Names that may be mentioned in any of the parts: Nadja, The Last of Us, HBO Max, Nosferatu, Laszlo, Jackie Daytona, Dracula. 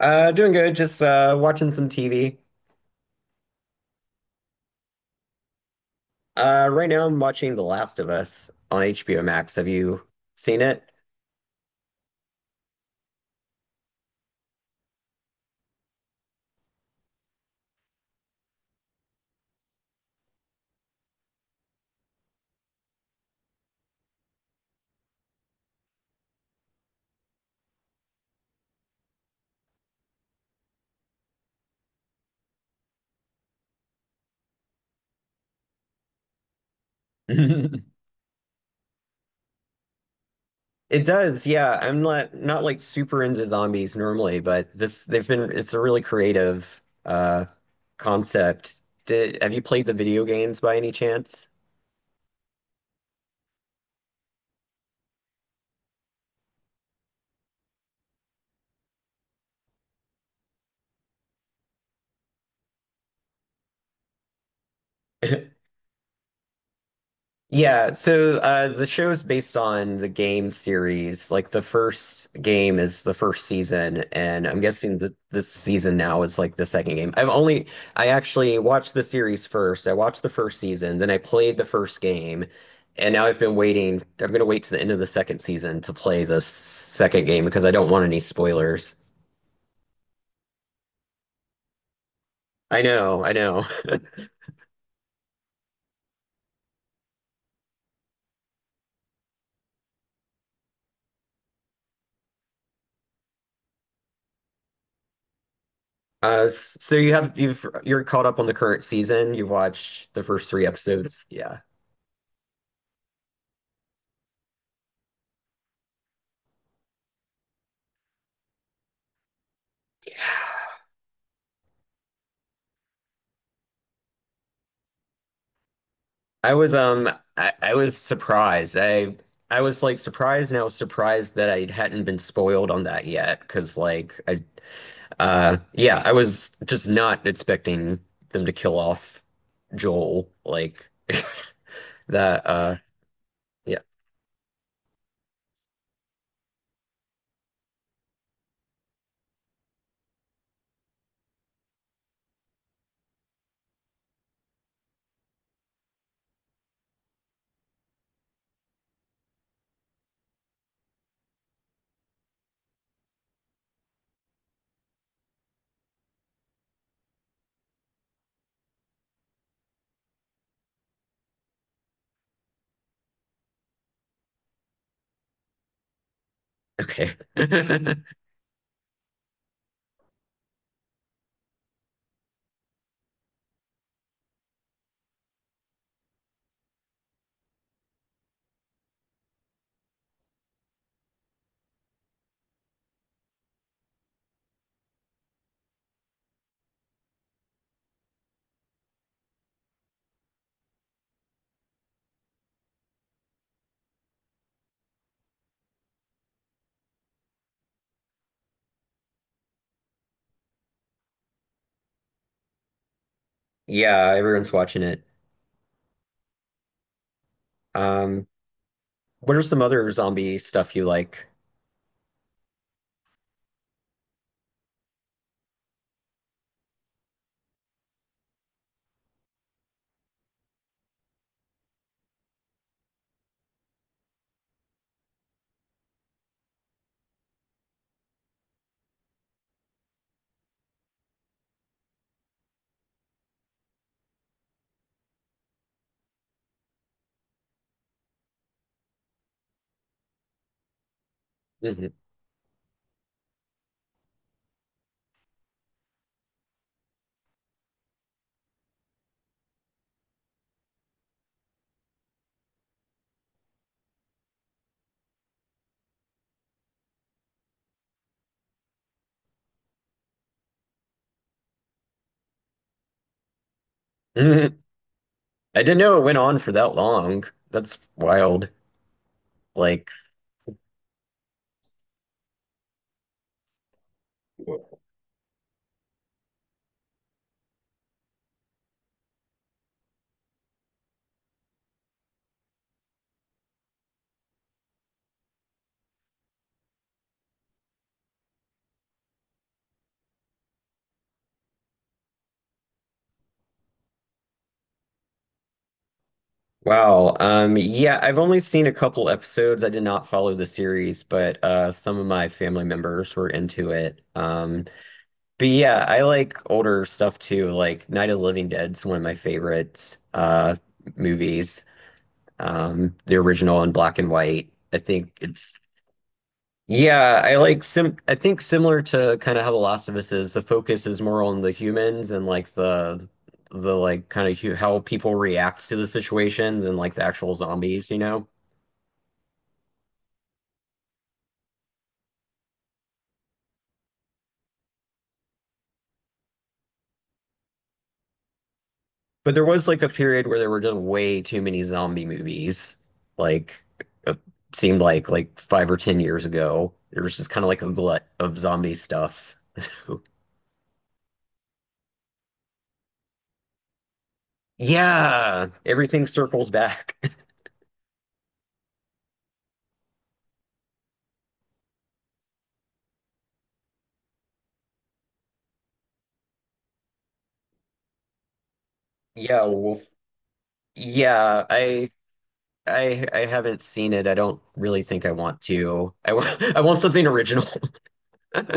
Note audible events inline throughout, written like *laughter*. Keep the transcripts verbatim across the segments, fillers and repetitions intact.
Uh, doing good. Just uh, watching some T V. Uh, right now I'm watching The Last of Us on H B O Max. Have you seen it? *laughs* It does, yeah. I'm not not like super into zombies normally, but this they've been it's a really creative uh concept. Did, have you played the video games by any chance? *laughs* Yeah, so uh, the show is based on the game series. Like the first game is the first season, and I'm guessing that this season now is like the second game. I've only, I actually watched the series first. I watched the first season, then I played the first game, and now I've been waiting. I'm gonna wait to the end of the second season to play the second game because I don't want any spoilers. I know, I know. *laughs* Uh, s- so you have you've you're caught up on the current season. You've watched the first three episodes. Yeah. I was um I, I was surprised. I I was like surprised, and I was surprised that I hadn't been spoiled on that yet, because like I uh yeah, I was just not expecting them to kill off Joel like *laughs* that uh yeah, okay. *laughs* Yeah, everyone's watching it. Um what are some other zombie stuff you like? Mhm. Mhm. *laughs* I didn't know it went on for that long. That's wild. Like wow. Um, yeah, I've only seen a couple episodes. I did not follow the series, but uh, some of my family members were into it. Um, but yeah, I like older stuff too. Like Night of the Living Dead's one of my favorites uh, movies. Um, the original in black and white. I think it's Yeah. I like sim. I think similar to kind of how The Last of Us is. The focus is more on the humans, and like the the like kind of hu how people react to the situation than like the actual zombies, you know? But there was like a period where there were just way too many zombie movies. Like it seemed like like five or ten years ago, there was just kind of like a glut of zombie stuff. Yeah, everything circles back. *laughs* Yeah, Wolf. Yeah, I I I haven't seen it. I don't really think I want to. I want *laughs* I want something original. *laughs*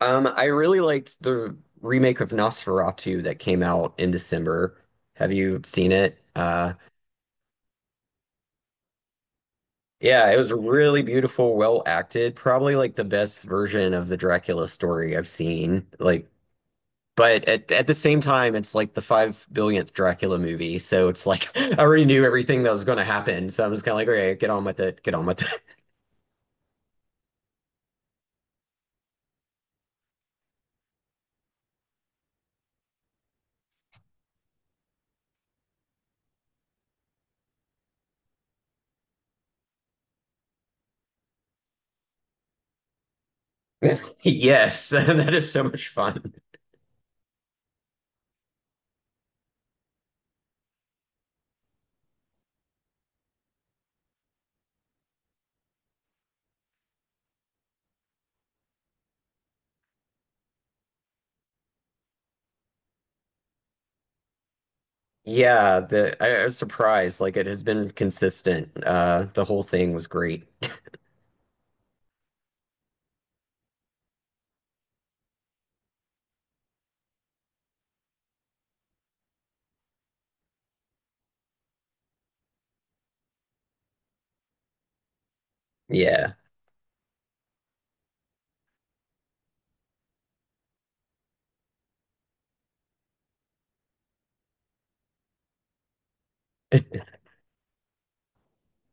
Um, I really liked the remake of Nosferatu that came out in December. Have you seen it? Uh Yeah, it was really beautiful, well acted. Probably like the best version of the Dracula story I've seen. Like, but at at the same time, it's like the five billionth Dracula movie, so it's like *laughs* I already knew everything that was going to happen. So I'm just kind of like, okay, get on with it, get on with it. *laughs* Yes, *laughs* that is so much fun. Yeah, the I, I was surprised. Like, it has been consistent. Uh, the whole thing was great. *laughs* Yeah.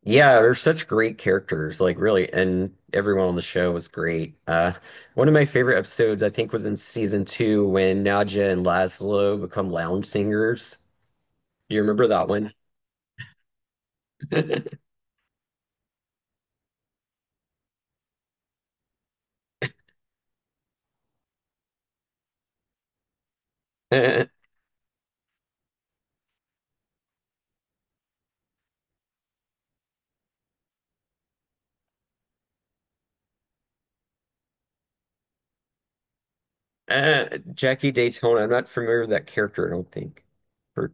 Yeah, they're such great characters, like really, and everyone on the show was great. Uh, one of my favorite episodes, I think, was in season two when Nadja and Laszlo become lounge singers. Do you remember that one? *laughs* Uh, uh, Jackie Daytona. I'm not familiar with that character, I don't think. Or-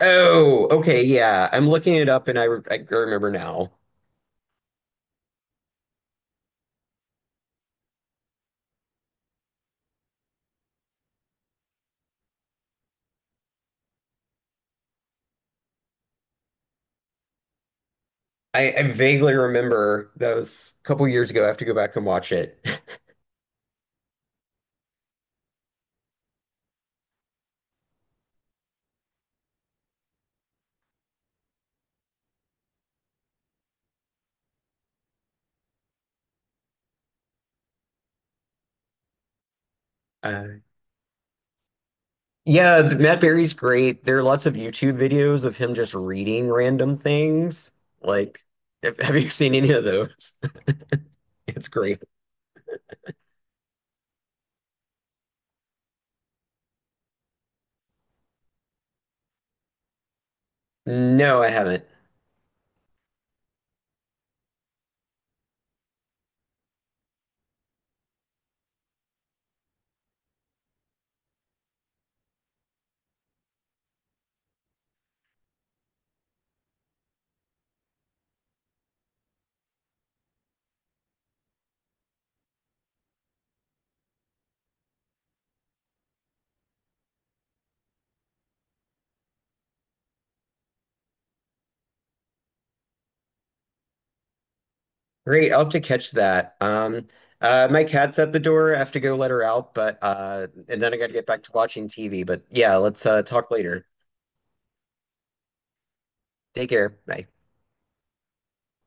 oh, okay, yeah. I'm looking it up, and I, re- I remember now. I, I vaguely remember that was a couple years ago. I have to go back and watch it. *laughs* Uh, Yeah, th- Matt Berry's great. There are lots of YouTube videos of him just reading random things. Like, have, have you *laughs* seen any of those? *laughs* It's great. No, I haven't. Great. I'll have to catch that. Um, uh, my cat's at the door. I have to go let her out, but uh, and then I got to get back to watching T V. But yeah, let's uh, talk later. Take care. Bye.